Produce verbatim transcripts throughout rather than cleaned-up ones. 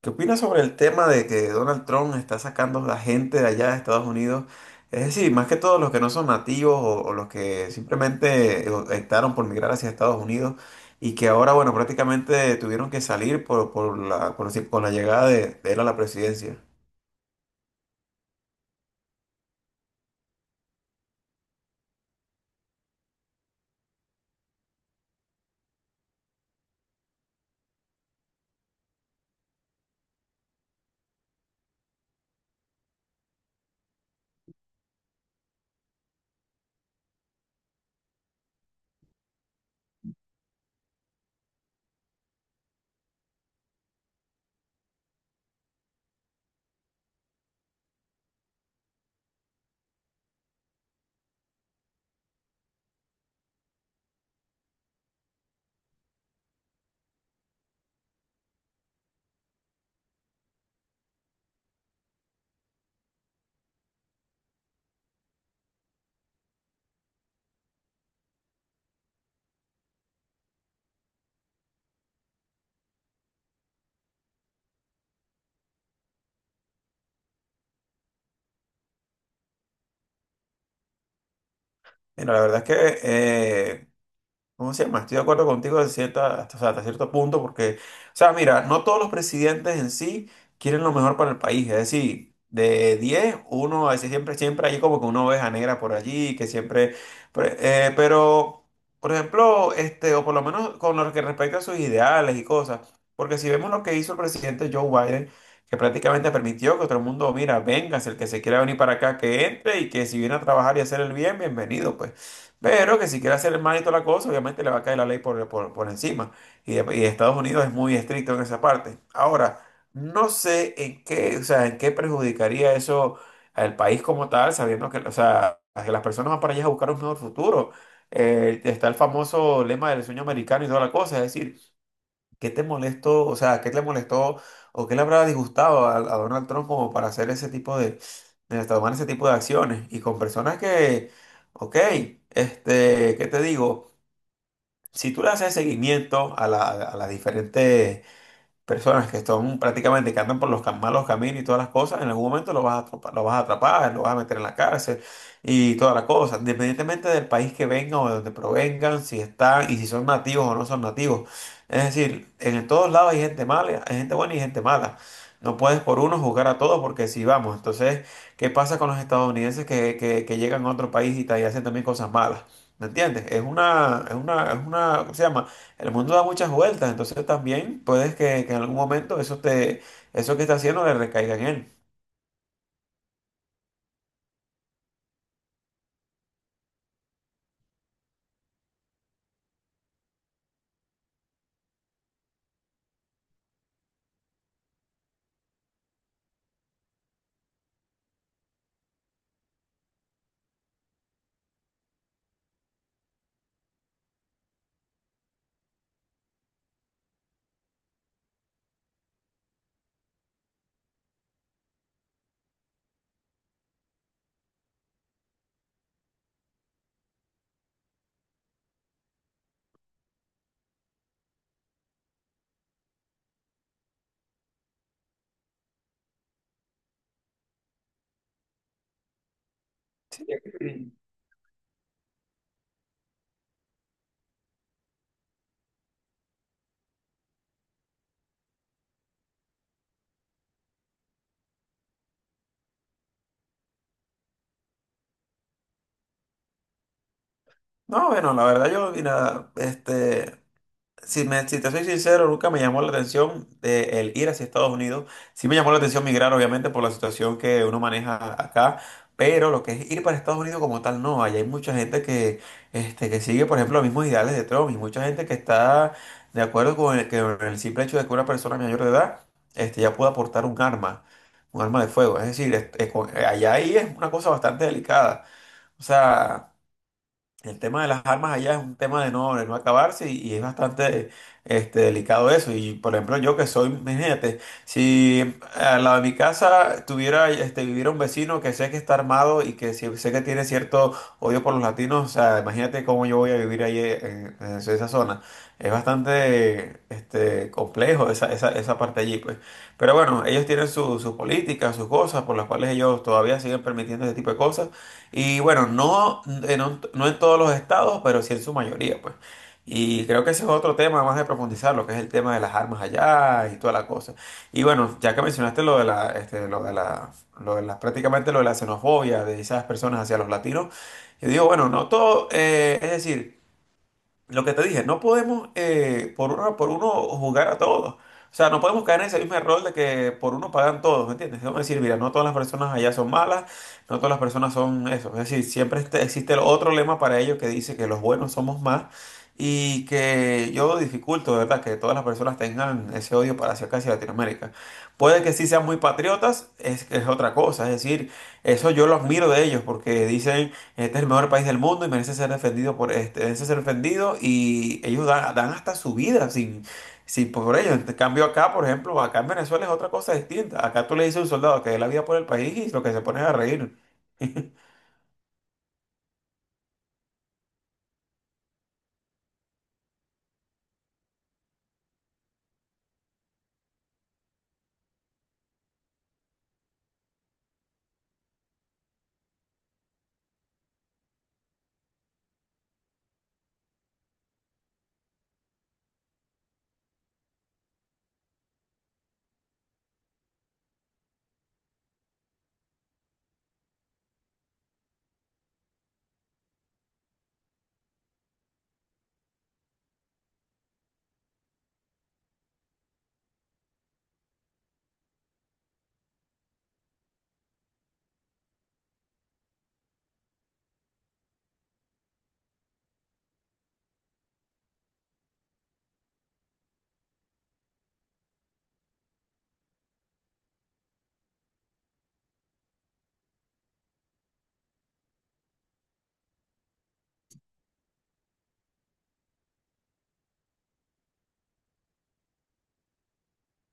¿Qué opinas sobre el tema de que Donald Trump está sacando a la gente de allá de Estados Unidos? Es decir, más que todo los que no son nativos o, o los que simplemente eh, optaron por migrar hacia Estados Unidos y que ahora, bueno, prácticamente tuvieron que salir por, por la, por, la por la llegada de, de él a la presidencia. Mira, la verdad es que eh, ¿cómo se llama? Estoy de acuerdo contigo de cierta, hasta, o sea, hasta cierto punto porque, o sea, mira, no todos los presidentes en sí quieren lo mejor para el país. Es decir, de diez uno a veces siempre, siempre hay como que una oveja negra por allí, que siempre, pre- eh, pero, por ejemplo, este, o por lo menos con lo que respecta a sus ideales y cosas, porque si vemos lo que hizo el presidente Joe Biden, que prácticamente permitió que todo el mundo, mira, véngase, el que se quiera venir para acá, que entre y que si viene a trabajar y hacer el bien, bienvenido, pues. Pero que si quiere hacer mal y toda la cosa, obviamente le va a caer la ley por, por, por encima. Y, y Estados Unidos es muy estricto en esa parte. Ahora, no sé en qué, o sea, en qué perjudicaría eso al país como tal, sabiendo que, o sea, que las personas van para allá a buscar un mejor futuro. Eh, está el famoso lema del sueño americano y toda la cosa. Es decir, ¿qué te molestó? O sea, ¿qué te molestó o qué le habrá disgustado a, a Donald Trump como para hacer ese tipo de, de tomar ese tipo de acciones? Y con personas que, ok, este, ¿qué te digo? Si tú le haces seguimiento a la- a las diferentes personas que están prácticamente que andan por los cam- malos caminos y todas las cosas, en algún momento lo vas a atrapar, lo vas a atrapar, lo vas a meter en la cárcel y toda la cosa, independientemente del país que vengan o de donde provengan, si están y si son nativos o no son nativos. Es decir, en todos lados hay gente mala, hay gente buena y gente mala. No puedes por uno juzgar a todos porque si vamos, entonces, ¿qué pasa con los estadounidenses que, que- que llegan a otro país y, ta- y hacen también cosas malas? ¿Me entiendes? Es una, es una, es una, ¿cómo se llama? El mundo da muchas vueltas, entonces también puedes que, que en algún momento eso te, eso que está haciendo le recaiga en él. Sí. No, bueno, la verdad yo, mira, este, si, me, si te soy sincero, nunca me llamó la atención eh, el ir hacia Estados Unidos. Sí me llamó la atención migrar, obviamente, por la situación que uno maneja acá, pero lo que es ir para Estados Unidos como tal, no. Allá hay mucha gente que, este, que sigue, por ejemplo, los mismos ideales de Trump y mucha gente que está de acuerdo con el, que el simple hecho de que una persona mayor de edad este, ya pueda portar un arma, un arma de fuego. Es decir, es- es con- allá ahí es una cosa bastante delicada. O sea... El tema de las armas allá es un tema de no, de no acabarse y, y es bastante este, delicado eso. Y por ejemplo, yo que soy, imagínate, si eh, al lado de mi casa tuviera, este, viviera un vecino que sé que está armado y que sí- sé que tiene cierto odio por los latinos, o sea, imagínate cómo yo voy a vivir ahí en, en esa zona. Es bastante este, complejo esa, esa, esa parte allí, pues. Pero bueno, ellos tienen su- sus políticas, sus cosas por las cuales ellos todavía siguen permitiendo ese tipo de cosas. Y bueno, no, en un- no en todos los estados, pero sí en su mayoría, pues. Y creo que ese es otro tema más de profundizar, lo que es el tema de las armas allá y toda la cosa. Y bueno, ya que mencionaste lo de la, este, lo de la, lo de la, prácticamente lo de la xenofobia de esas personas hacia los latinos, yo digo, bueno, no todo, eh, es decir, lo que te dije, no podemos eh, por uno, por uno jugar a todos. O sea, no podemos caer en ese mismo error de que por uno pagan todos, ¿me entiendes? Vamos a decir, mira, no todas las personas allá son malas, no todas las personas son eso. Es decir, siempre este- existe el otro lema para ellos que dice que los buenos somos más y que yo dificulto, de ¿verdad?, que todas las personas tengan ese odio para hacia acá, hacia Latinoamérica. Puede que sí sean muy patriotas, es, es otra cosa. Es decir, eso yo lo admiro de ellos porque dicen... Este es el mejor país del mundo y merece ser defendido por este, merece ser defendido y ellos dan, dan hasta su vida sin, sin por ello. En cambio acá, por ejemplo, acá en Venezuela es otra cosa distinta. Acá tú le dices a un soldado que dé la vida por el país y lo que se pone es a reír.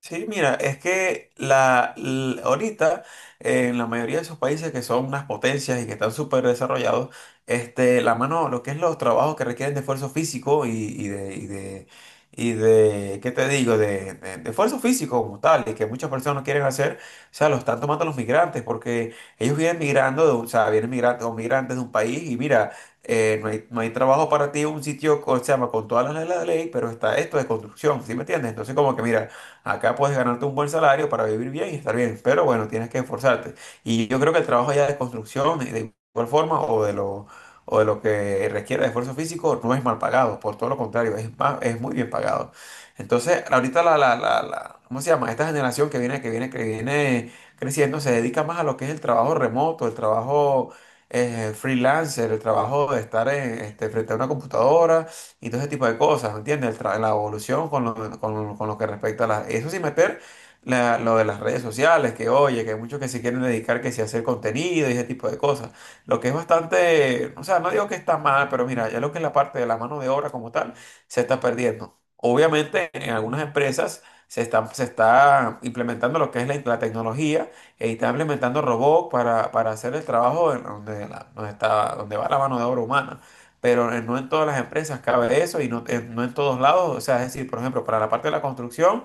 Sí, mira, es que la, l- ahorita eh, en la mayoría de esos países que son unas potencias y que están súper desarrollados, este, la mano, lo que es los trabajos que requieren de esfuerzo físico y, y de, y de, y de, ¿qué te digo? De, de- de esfuerzo físico como tal, y que muchas personas no quieren hacer, o sea, lo están tomando los migrantes, porque ellos vienen migrando, de un- o sea, vienen migrantes o migrantes de un país y mira, eh, no hay, no hay trabajo para ti en un sitio, o sea, con todas las leyes de la ley, pero está esto de construcción, ¿sí me entiendes? Entonces, como que mira. Acá puedes ganarte un buen salario para vivir bien y estar bien, pero bueno, tienes que esforzarte. Y yo creo que el trabajo ya de construcción, eh, de igual forma, o de lo, o de lo que requiere de esfuerzo físico, no es mal pagado, por todo lo contrario, es más, es muy bien pagado. Entonces, ahorita la, la, la, la- ¿cómo se llama? Esta generación que viene, que viene, que viene creciendo se dedica más a lo que es el trabajo remoto, el trabajo eh, freelancer, el trabajo de estar en- este, frente a una computadora y todo ese tipo de cosas, ¿me ¿entiendes? El tra- la evolución con lo, con, con lo que respecta a las... Eso sin meter la- lo de las redes sociales, que oye, que hay muchos que se quieren dedicar, que si a hacer contenido y ese tipo de cosas. Lo que es bastante, o sea, no digo que está mal, pero mira, ya lo que es la parte de la mano de obra como tal, se está perdiendo. Obviamente, en algunas empresas se está, se está implementando lo que es la, la tecnología e está implementando robots para, para hacer el trabajo en donde, la- donde está, donde va la mano de obra humana pero eh, no en todas las empresas cabe eso y no, en- no en todos lados. O sea, es decir, por ejemplo, para la parte de la construcción,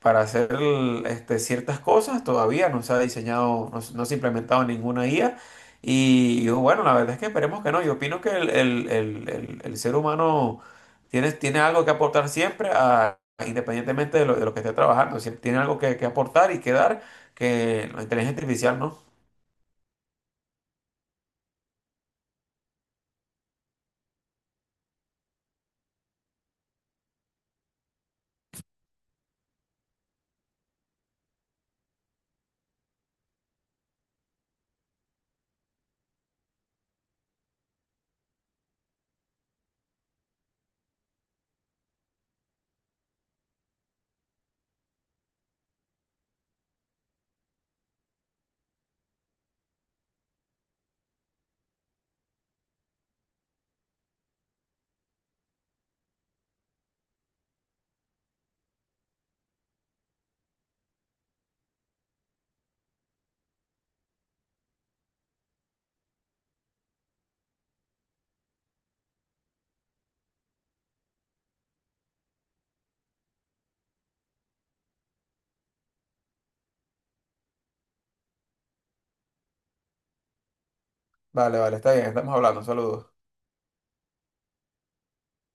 para hacer el- este, ciertas cosas, todavía no se ha diseñado, no, se no se ha implementado ninguna I A. Y, yo, bueno, la verdad es que esperemos que no. Yo opino que el, el- el- el- el ser humano tiene, tiene algo que aportar siempre, a- independientemente de lo, de lo que esté trabajando. Siempre tiene algo que, que aportar y que dar que la inteligencia artificial no. Vale, vale, está bien, estamos hablando. Saludos.